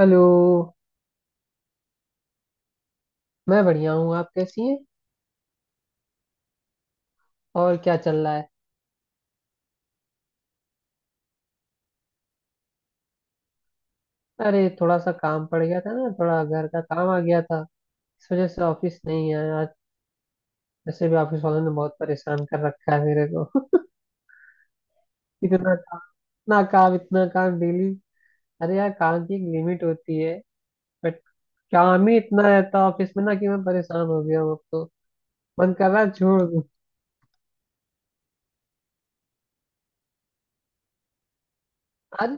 Hello. मैं बढ़िया हूँ। आप कैसी हैं? और क्या चल रहा है? अरे थोड़ा सा काम पड़ गया था ना, थोड़ा घर का काम आ गया था। इस वजह से ऑफिस नहीं आया आज। वैसे भी ऑफिस वालों ने बहुत परेशान कर रखा है मेरे को। इतना काम। इतना काम, इतना काम डेली। अरे यार, काम की एक लिमिट होती है। बट काम ही इतना रहता है ऑफिस में ना, कि मैं परेशान हो गया हूँ अब तो। मन कर रहा है छोड़ दूँ। अरे,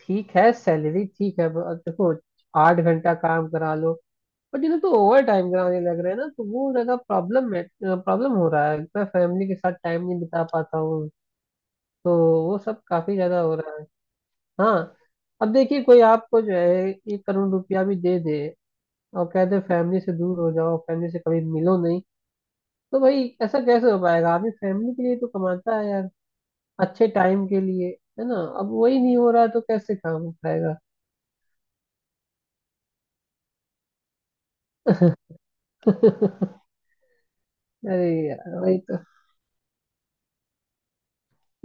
ठीक है, सैलरी ठीक है, देखो। 8 घंटा काम करा लो। बट इन्हें तो ओवर टाइम कराने लग रहे हैं ना, तो वो ज्यादा प्रॉब्लम है। प्रॉब्लम हो रहा है, मैं फैमिली के साथ टाइम नहीं बिता पाता हूँ। तो वो सब काफी ज्यादा हो रहा है। हाँ, अब देखिए, कोई आपको जो है 1 करोड़ रुपया भी दे दे और कह दे फैमिली से दूर हो जाओ, फैमिली से कभी मिलो नहीं, तो भाई ऐसा कैसे हो पाएगा? आदमी फैमिली के लिए तो कमाता है यार, अच्छे टाइम के लिए, है ना? अब वही नहीं हो रहा है तो कैसे काम हो पाएगा? अरे यार, वही तो।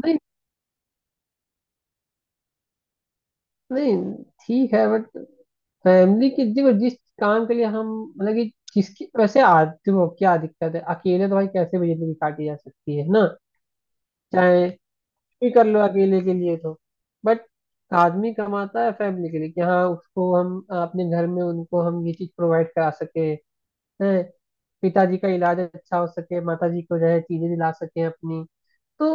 नहीं, नहीं, ठीक है, बट फैमिली के देखो जिस काम के लिए हम, मतलब कि जिसकी, वैसे आज देखो क्या दिक्कत है? अकेले तो भाई कैसे भी जिंदगी काटी जा सकती है ना, चाहे कुछ भी कर लो अकेले के लिए तो। बट आदमी कमाता है फैमिली के लिए कि हाँ, उसको हम अपने घर में, उनको हम ये चीज प्रोवाइड करा सके हैं। पिताजी का इलाज अच्छा हो सके, माताजी को जो है चीजें दिला सके अपनी, तो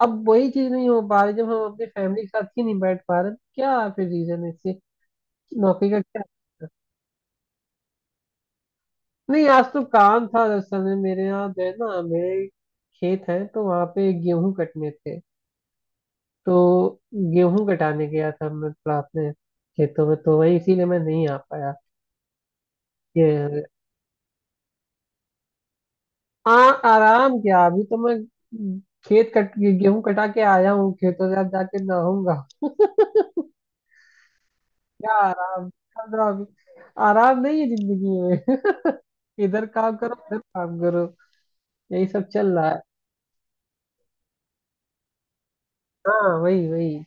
अब वही चीज नहीं हो पा रही। जब हम अपनी फैमिली के साथ ही नहीं बैठ पा रहे तो क्या फिर रीजन है इसके? नौकरी का क्या? नहीं, आज तो काम था। दरअसल में मेरे यहाँ जो है ना, मेरे खेत है, तो वहाँ पे गेहूं कटने थे, तो गेहूं कटाने गया था मैं थोड़ा अपने खेतों में। तो वही इसीलिए मैं नहीं आ पाया। ये आराम क्या, अभी तो मैं खेत कट गेहूं कटा के आया हूँ खेतों से। अब जाके नहाऊंगा। क्या आराम कर रहा हूँ अभी। आराम नहीं है जिंदगी में। इधर काम करो, उधर काम करो, यही सब चल रहा है। हाँ, वही वही।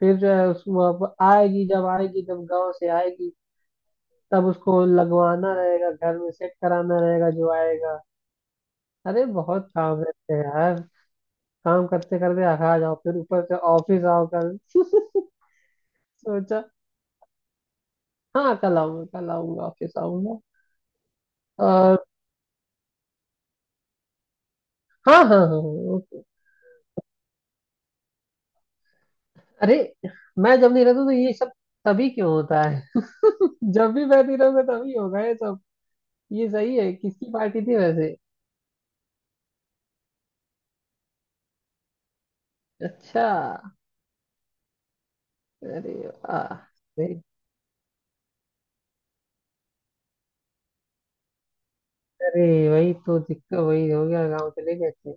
फिर जो है उस वो आएगी, जब आएगी, जब गांव से आएगी तब उसको लगवाना रहेगा घर में, सेट कराना रहेगा जो आएगा। अरे बहुत काम रहते हैं यार। काम करते करते थका जाओ, फिर ऊपर से ऑफिस आओ कल। सोचा, हाँ कल आऊंगा, कल आऊंगा, ऑफिस आऊंगा। और हाँ हाँ हाँ हाँ, ओके। अरे, मैं जब नहीं रहता तो ये सब तभी क्यों होता है? जब भी मैं नहीं रहूंगा तभी होगा ये सब। ये सही है, किसकी पार्टी थी वैसे? अच्छा। अरे वाह। अरे वही तो दिक्कत, वही हो गया, गाँव चले गए थे।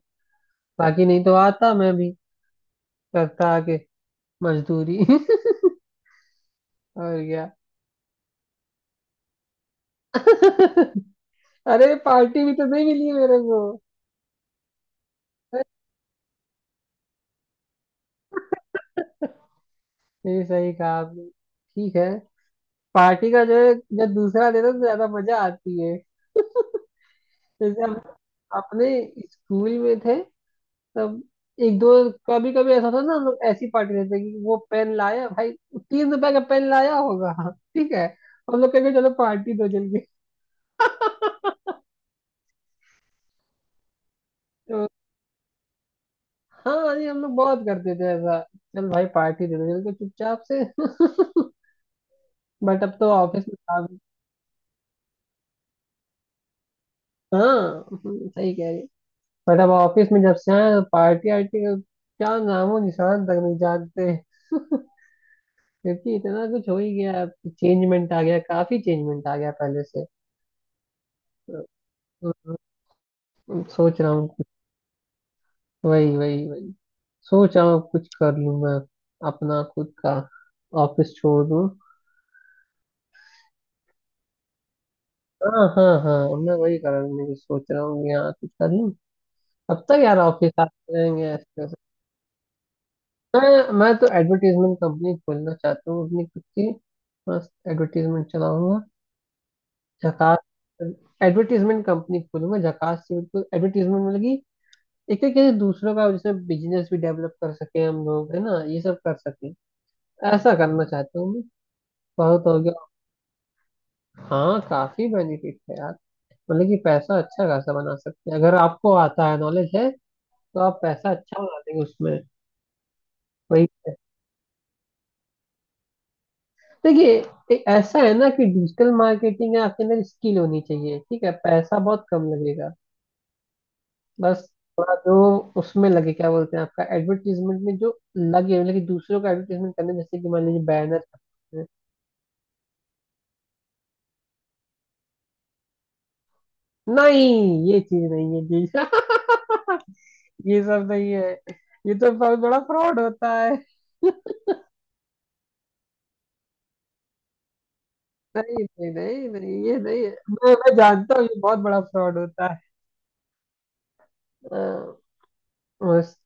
बाकी नहीं तो आता मैं भी, करता आके मजदूरी। और क्या। अरे पार्टी भी तो नहीं मिली मेरे को। नहीं, सही कहा आपने। ठीक है। पार्टी का जो है, जब दूसरा देता तो ज्यादा मजा आती है। जैसे हम अपने स्कूल में थे तब, एक दो कभी कभी ऐसा था ना, हम लोग ऐसी पार्टी देते कि वो पेन लाया भाई, 3 रुपए का पेन लाया होगा। ठीक है, हम लोग कहेंगे चलो पार्टी दो जल्दी। तो हाँ, अरे हम लोग बहुत करते थे ऐसा। चल भाई पार्टी दे दो चल के चुपचाप से। बट अब तो ऑफिस में काम। हाँ सही कह रही। बट अब ऑफिस में जब से आए हैं, पार्टी आर्टी का क्या नामो निशान तक नहीं जानते। क्योंकि इतना कुछ हो ही गया, चेंजमेंट आ गया, काफी चेंजमेंट आ गया पहले से। हम्म, सोच रहा हूँ, वही वही वही। सोच रहा हूँ कुछ कर लूँ मैं, अपना खुद का। ऑफिस छोड़ दूँ। हाँ हाँ हाँ, मैं वही कारण नहीं सोच रहा हूँ कि हाँ कुछ कर लूँ। अब तक यार ऑफिस आते रहेंगे ऐसे ऐसे। मैं तो एडवर्टीजमेंट कंपनी खोलना चाहता हूँ अपनी खुद की। बस एडवर्टीजमेंट चलाऊंगा, झकास। एडवर्टीजमेंट कंपनी खोलूंगा झकास से, बिल्कुल एडवर्टीजमेंट, मतलब कि एक एक जैसे दूसरों का जैसे बिजनेस भी डेवलप कर सके हम लोग, है ना, ये सब कर सके। ऐसा करना चाहता हूँ मैं। बहुत हो गया। हाँ, काफी बेनिफिट है यार। मतलब कि पैसा अच्छा खासा बना सकते हैं अगर आपको आता है, नॉलेज है तो आप पैसा अच्छा बना देंगे उसमें। वही है। देखिए, ऐसा है ना कि डिजिटल मार्केटिंग में आपके अंदर स्किल होनी चाहिए, ठीक है। पैसा बहुत कम लगेगा। बस थोड़ा जो उसमें लगे, क्या बोलते हैं आपका, एडवर्टीजमेंट में जो लगे, मतलब कि दूसरों का एडवर्टीजमेंट करने, जैसे कि मान लीजिए बैनर। नहीं ये चीज नहीं है जी। ये सब नहीं है। ये तो बहुत बड़ा फ्रॉड होता है। नहीं नहीं नहीं नहीं, ये नहीं है। मैं जानता हूँ ये बहुत बड़ा फ्रॉड होता है। अ, बस।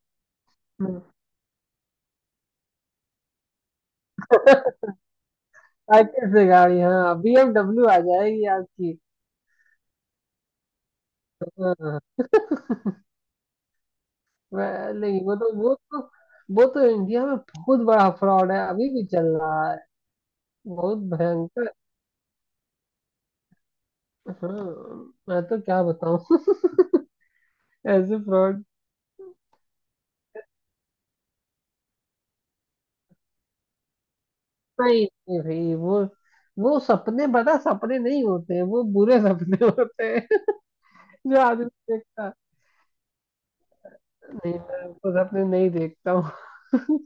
साइकिल से गाड़ी, हाँ बीएमडब्ल्यू आ जाएगी आपकी। हाँ, नहीं, वो तो इंडिया में बहुत बड़ा फ्रॉड है, अभी भी चल रहा है, बहुत भयंकर। हाँ, मैं तो क्या बताऊँ। ऐसे फ्रॉड। नहीं नहीं भाई वो सपने बता, सपने नहीं होते हैं वो, बुरे सपने होते हैं जो आदमी देखता। नहीं, मैं वो सपने नहीं देखता हूँ।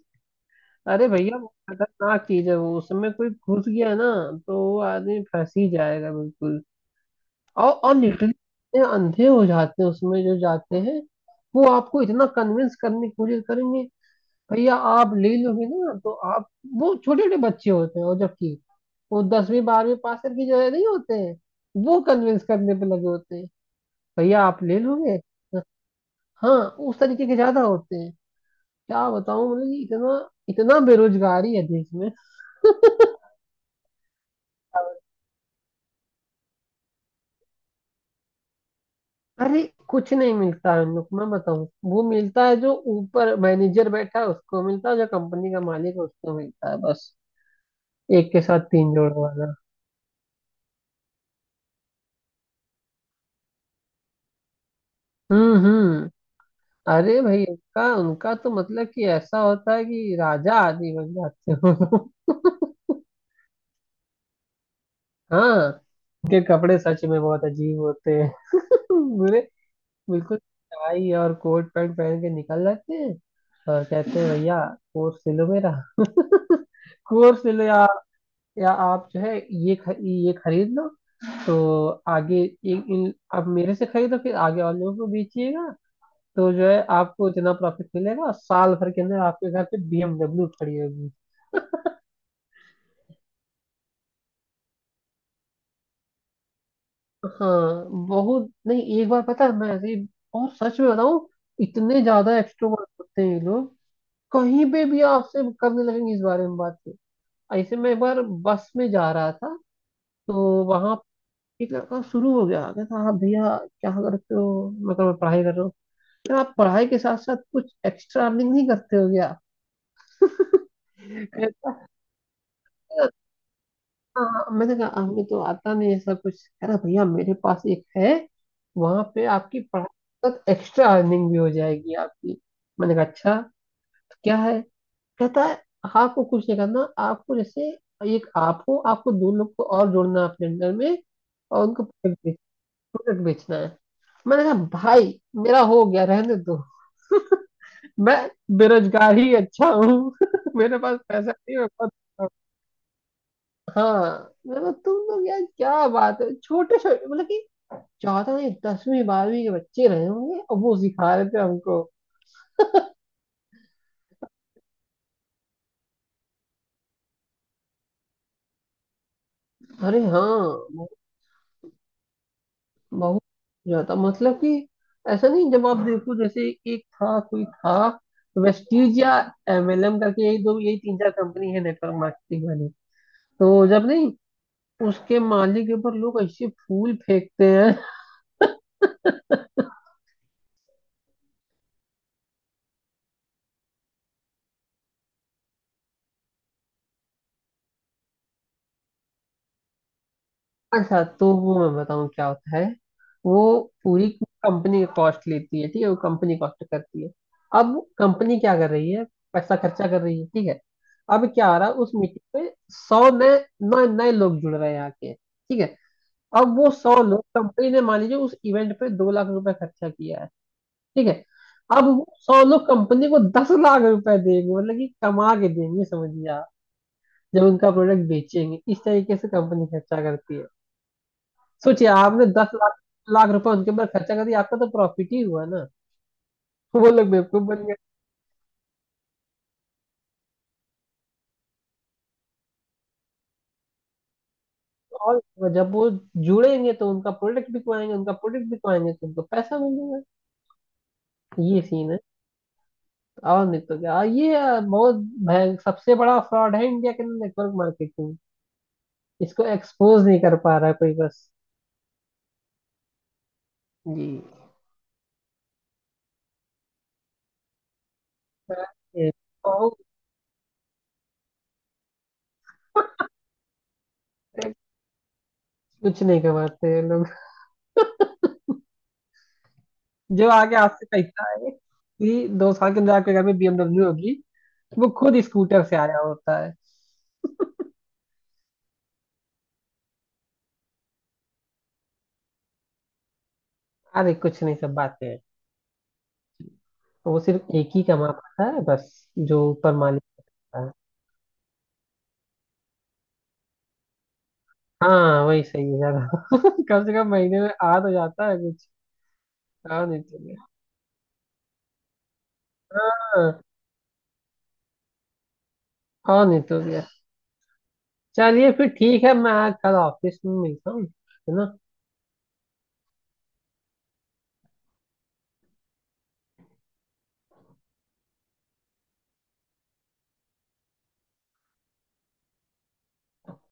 अरे भैया वो खतरनाक चीज है वो, उसमें कोई घुस गया ना तो वो आदमी फंस ही जाएगा बिल्कुल। और लिटरली इतने अंधे हो जाते हैं उसमें जो जाते हैं। वो आपको इतना कन्विंस करने की कोशिश करेंगे, भैया आप ले लोगे ना तो आप, वो छोटे छोटे बच्चे होते हैं और जबकि वो 10वीं 12वीं पास करके जो है नहीं होते हैं, वो कन्विंस करने पे लगे होते हैं, भैया आप ले लोगे। हाँ, उस तरीके के ज्यादा होते हैं। क्या बताऊं, मतलब कि इतना, इतना बेरोजगारी है देश में। अरे कुछ नहीं मिलता है उन लोग, मैं बताऊं, वो मिलता है जो ऊपर मैनेजर बैठा है उसको मिलता है, जो कंपनी का मालिक है उसको मिलता है, बस। एक के साथ तीन जोड़ वाला। हम्म। अरे भाई उनका उनका तो मतलब कि ऐसा होता है कि राजा आदि बन जाते हो। हाँ उनके कपड़े सच में बहुत अजीब होते हैं। बुरे, बिल्कुल टाई और कोट पैंट पहन के निकल जाते हैं। और कहते हैं भैया, कोट सिलो मेरा, कोट सिलो। या आप जो है, ये खरीद लो। तो आगे इन इन आप मेरे से खरीदो फिर आगे वालों को बेचिएगा, तो जो है आपको इतना प्रॉफिट मिलेगा, साल भर के अंदर आपके घर पे बीएमडब्ल्यू खड़ी होगी। हाँ बहुत। नहीं एक बार पता है मैं और सच में बताऊं, इतने ज्यादा एक्सट्रोवर्ट होते हैं ये लोग, कहीं पे भी आपसे करने लगेंगे इस बारे में बात। ऐसे मैं एक बार बस में जा रहा था, तो वहां एक लड़का शुरू हो गया, कहता हाँ भैया, क्या करते हो? मैं कहा, मैं पढ़ाई कर रहा हूँ। आप पढ़ाई के साथ साथ कुछ एक्स्ट्रा अर्निंग नहीं करते हो क्या, कहता है। हाँ, मैंने कहा हमें तो आता नहीं ऐसा कुछ। कह रहा, भैया मेरे पास एक है, वहां पे आपकी पढ़ाई तक एक्स्ट्रा अर्निंग भी हो जाएगी आपकी। मैंने कहा अच्छा, तो क्या है? कहता है, "हाँ, आपको कुछ नहीं करना, आपको जैसे एक आप हो, आपको दो लोग को और जोड़ना है अपने अंडर में और उनको प्रोडक्ट बेचना है। मैंने कहा भाई, मेरा हो गया, रहने दो, मैं बेरोजगार ही अच्छा हूँ। मेरे पास पैसा नहीं, मैं बहुत। हाँ, मतलब तुम लोग यार क्या बात है, छोटे छोटे मतलब कि ज्यादा नहीं, 10वीं 12वीं के बच्चे रहे होंगे और वो सिखा रहे थे हमको। अरे हाँ। बहुत, बहुत ज्यादा, मतलब कि ऐसा नहीं। जब आप देखो, जैसे एक था कोई था वेस्टीज या एमएलएम करके, यही दो, यही तीन चार कंपनी है नेटवर्क मार्केटिंग वाली। तो जब नहीं, उसके मालिक के ऊपर लोग ऐसे फूल फेंकते हैं। अच्छा तो वो मैं बताऊँ क्या होता है। वो पूरी कंपनी का कॉस्ट लेती है, ठीक है, वो कंपनी कॉस्ट करती है। अब कंपनी क्या कर रही है? पैसा खर्चा कर रही है, ठीक है। अब क्या आ रहा है उस मीटिंग में? 100 नए नए नए लोग जुड़ रहे हैं आके, ठीक है। अब वो 100 लोग, कंपनी ने मान लीजिए उस इवेंट पे 2 लाख रुपए खर्चा किया है, ठीक है। अब वो सौ लोग कंपनी को 10 लाख रुपए देंगे, मतलब कि कमा के देंगे, समझिए आप, जब उनका प्रोडक्ट बेचेंगे। इस तरीके से कंपनी खर्चा करती है। सोचिए, आपने दस लाख लाख रुपए उनके ऊपर खर्चा कर दिया, आपका तो प्रॉफिट ही हुआ ना। वो लोग बेवकूफ बन गए। और जब वो जुड़ेंगे तो उनका प्रोडक्ट बिकवाएंगे, उनका प्रोडक्ट बिकवाएंगे तो उनको पैसा मिलेगा। ये सीन है। और नहीं तो क्या, ये बहुत भय सबसे बड़ा फ्रॉड है इंडिया के अंदर, नेटवर्क मार्केटिंग। इसको एक्सपोज नहीं कर पा रहा कोई, बस। जी। ये बहुत कुछ नहीं कमाते ये लोग, जो आगे हाथ से पैसा आए, कि 2 साल के अंदर आपके घर में बीएमडब्ल्यू होगी। वो खुद स्कूटर से आया होता है। अरे कुछ नहीं, सब बातें हैं। वो सिर्फ एक ही कमा पाता है बस, जो ऊपर मालिक होता है। हाँ वही सही है ज्यादा। कम से कम महीने में आ तो जाता है कुछ। हाँ नहीं तो क्या। हाँ हाँ नहीं तो क्या। चलिए फिर ठीक है, मैं कल ऑफिस में मिलता हूँ, है ना?